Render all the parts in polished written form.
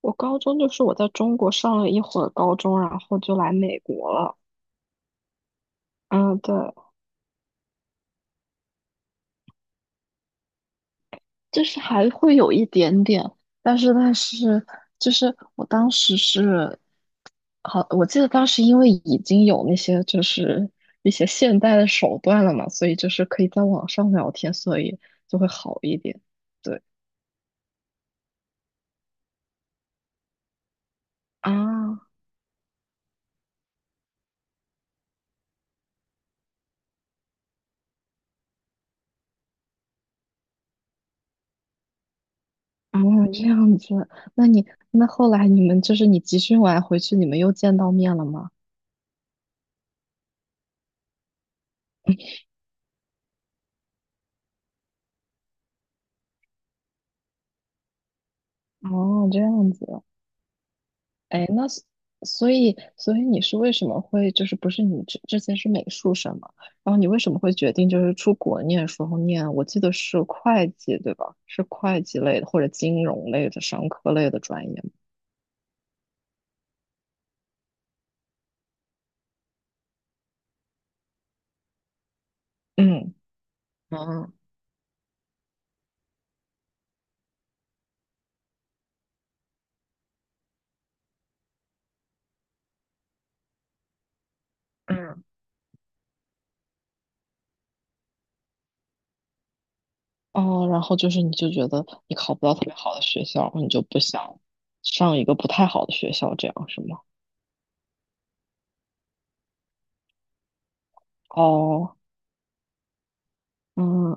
我高中就是我在中国上了一会儿高中，然后就来美国了。嗯，对，就是还会有一点点，但是就是我当时是，好，我记得当时因为已经有那些就是一些现代的手段了嘛，所以就是可以在网上聊天，所以就会好一点。对啊啊，这样子，那你那后来你们就是你集训完回去，你们又见到面了吗？哦，这样子。哎，那所以你是为什么会就是不是你之前是美术生嘛？然后你为什么会决定就是出国念时候念？我记得是会计对吧？是会计类的或者金融类的商科类的专业吗？嗯嗯嗯，哦，然后就是你就觉得你考不到特别好的学校，你就不想上一个不太好的学校，这样是吗？哦，嗯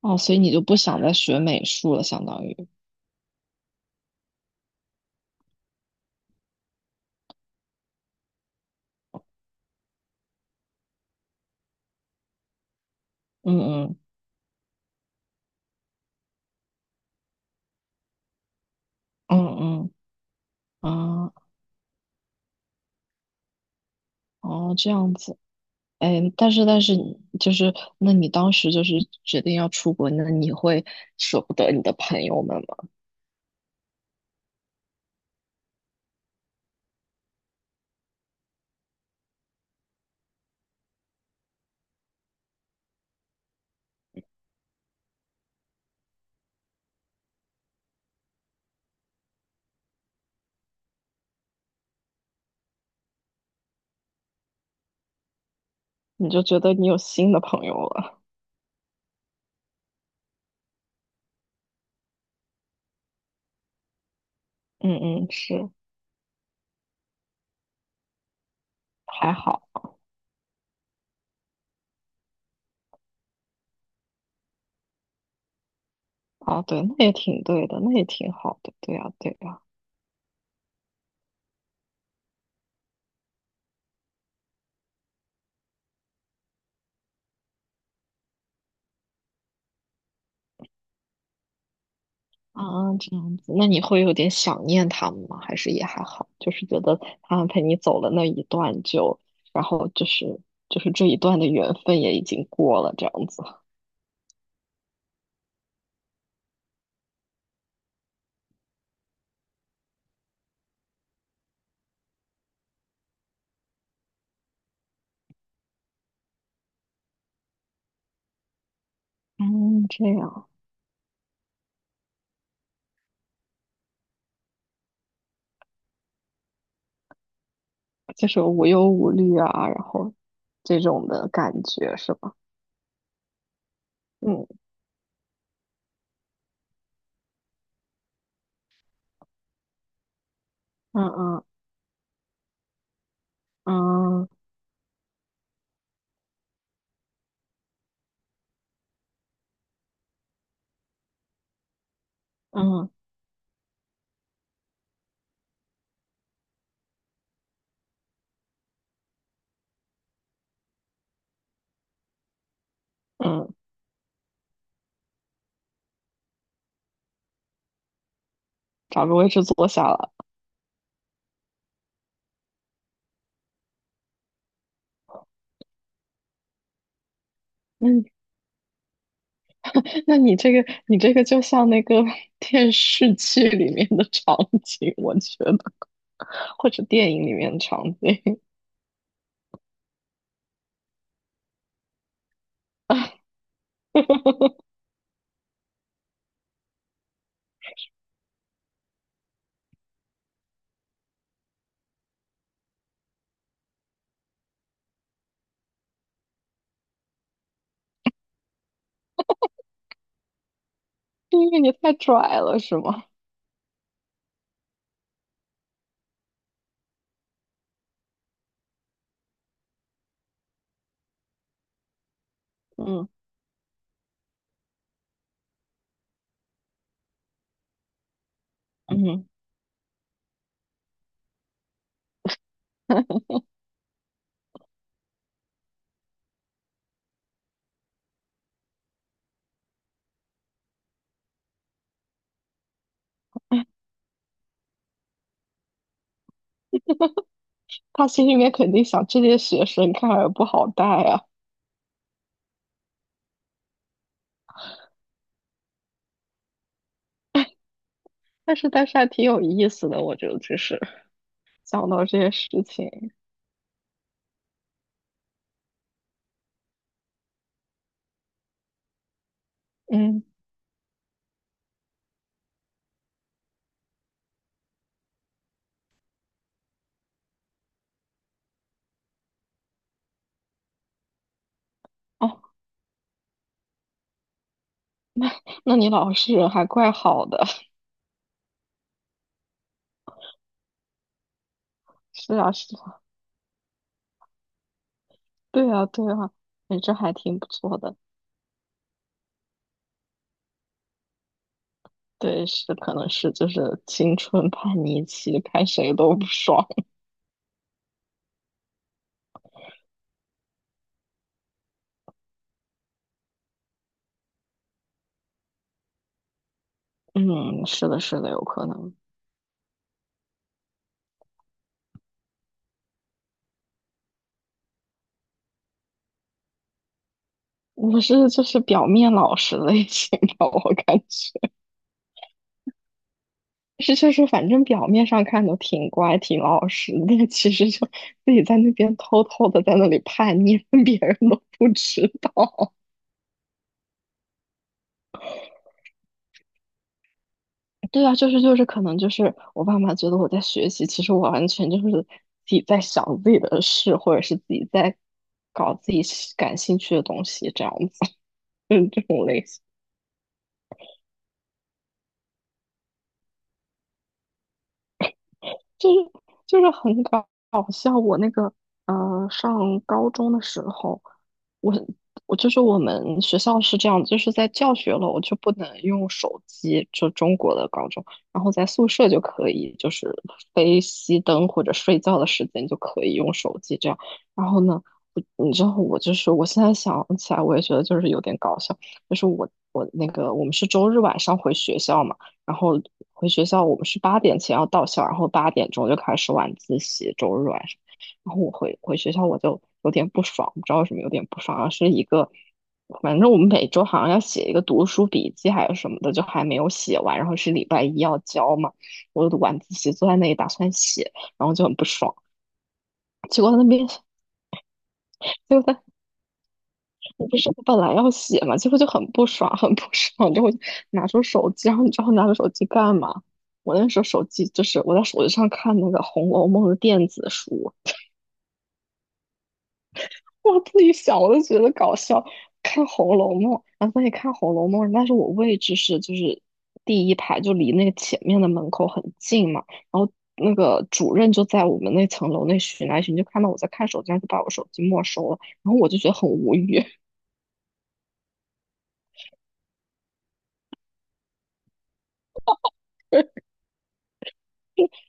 哦，所以你就不想再学美术了，相当于。嗯嗯嗯嗯啊。哦，这样子，哎，但是你就是那你当时就是决定要出国，那你会舍不得你的朋友们吗？你就觉得你有新的朋友了？嗯嗯，是，还好啊，对，那也挺对的，那也挺好的，对呀对呀，啊，这样子，那你会有点想念他们吗？还是也还好，就是觉得他们陪你走了那一段就，然后就是这一段的缘分也已经过了，这样子。嗯，这样。就是无忧无虑啊，然后这种的感觉是吧？嗯嗯嗯嗯嗯嗯，找个位置坐下了。嗯，那你这个就像那个 电视剧里面的场景，我觉得，或者电影里面的场景，因为你太拽了，是吗？嗯嗯，他心里面肯定想，这些学生看来不好带啊，但是还挺有意思的，我觉得就是想到这些事情，嗯。哦，那你老师人还怪好的。是啊，是啊，对啊，对啊，你这还挺不错的。对，是，可能是就是青春叛逆期，看谁都不爽。嗯，是的，是的，有可能。我是就是表面老实类型吧，我感觉是就是反正表面上看都挺乖挺老实，但其实就自己在那边偷偷的在那里叛逆，别人都不知道。对啊，就是，可能就是我爸妈觉得我在学习，其实我完全就是自己在想自己的事，或者是自己在搞自己喜感兴趣的东西，这样子。就是就是很搞笑。我那个上高中的时候，我我就是我们学校是这样，就是在教学楼就不能用手机，就中国的高中，然后在宿舍就可以，就是非熄灯或者睡觉的时间就可以用手机这样。然后呢，你知道我就是我现在想起来，我也觉得就是有点搞笑，就是我那个我们是周日晚上回学校嘛。然后回学校，我们是八点前要到校，然后8点钟就开始晚自习，周日晚上。然后我回学校，我就有点不爽，不知道为什么有点不爽，是一个，反正我们每周好像要写一个读书笔记还有什么的，就还没有写完，然后是礼拜一要交嘛，我晚自习坐在那里打算写，然后就很不爽，结果他那边就在。我不是我本来要写嘛，结果就很不爽，很不爽，然后我就拿出手机，然后你知道我拿出手机干嘛？我那时候手机就是我在手机上看那个《红楼梦》的电子书，我自己想我都觉得搞笑，看《红楼梦》，然后在那里看《红楼梦》，但是我位置是就是第一排，就离那个前面的门口很近嘛，然后那个主任就在我们那层楼那巡来巡，就看到我在看手机，然后就把我手机没收了，然后我就觉得很无语。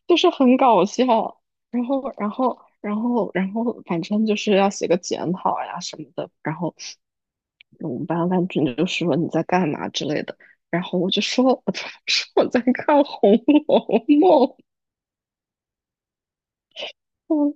就是很搞笑。然后，反正就是要写个检讨呀什么的。然后我们班班主任就说你在干嘛之类的。然后我就说，我就 说我在看《红楼梦》。嗯，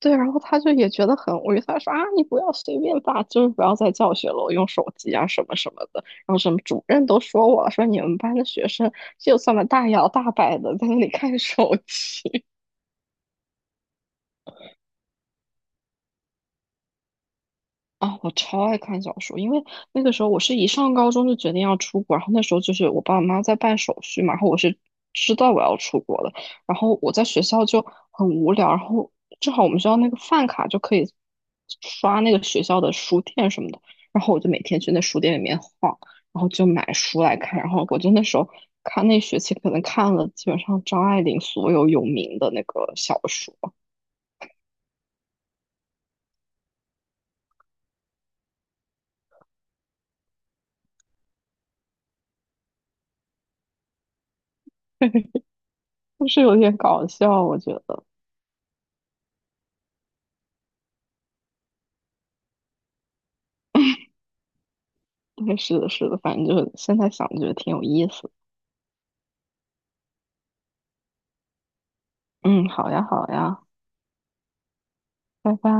对。然后他就也觉得很无语，他说啊，你不要随便发，就是不要在教学楼用手机啊什么什么的。然后什么主任都说我了，说你们班的学生就这么大摇大摆的在那里看手机。啊，我超爱看小说，因为那个时候我是一上高中就决定要出国，然后那时候就是我爸我妈妈在办手续嘛，然后我是知道我要出国的，然后我在学校就很无聊，然后正好我们学校那个饭卡就可以刷那个学校的书店什么的，然后我就每天去那书店里面晃，然后就买书来看，然后我就那时候看那学期可能看了基本上张爱玲所有有名的那个小说，就是有点搞笑，我觉得。对，是的，是的，反正就现在想觉得挺有意思。嗯，好呀，好呀，拜拜。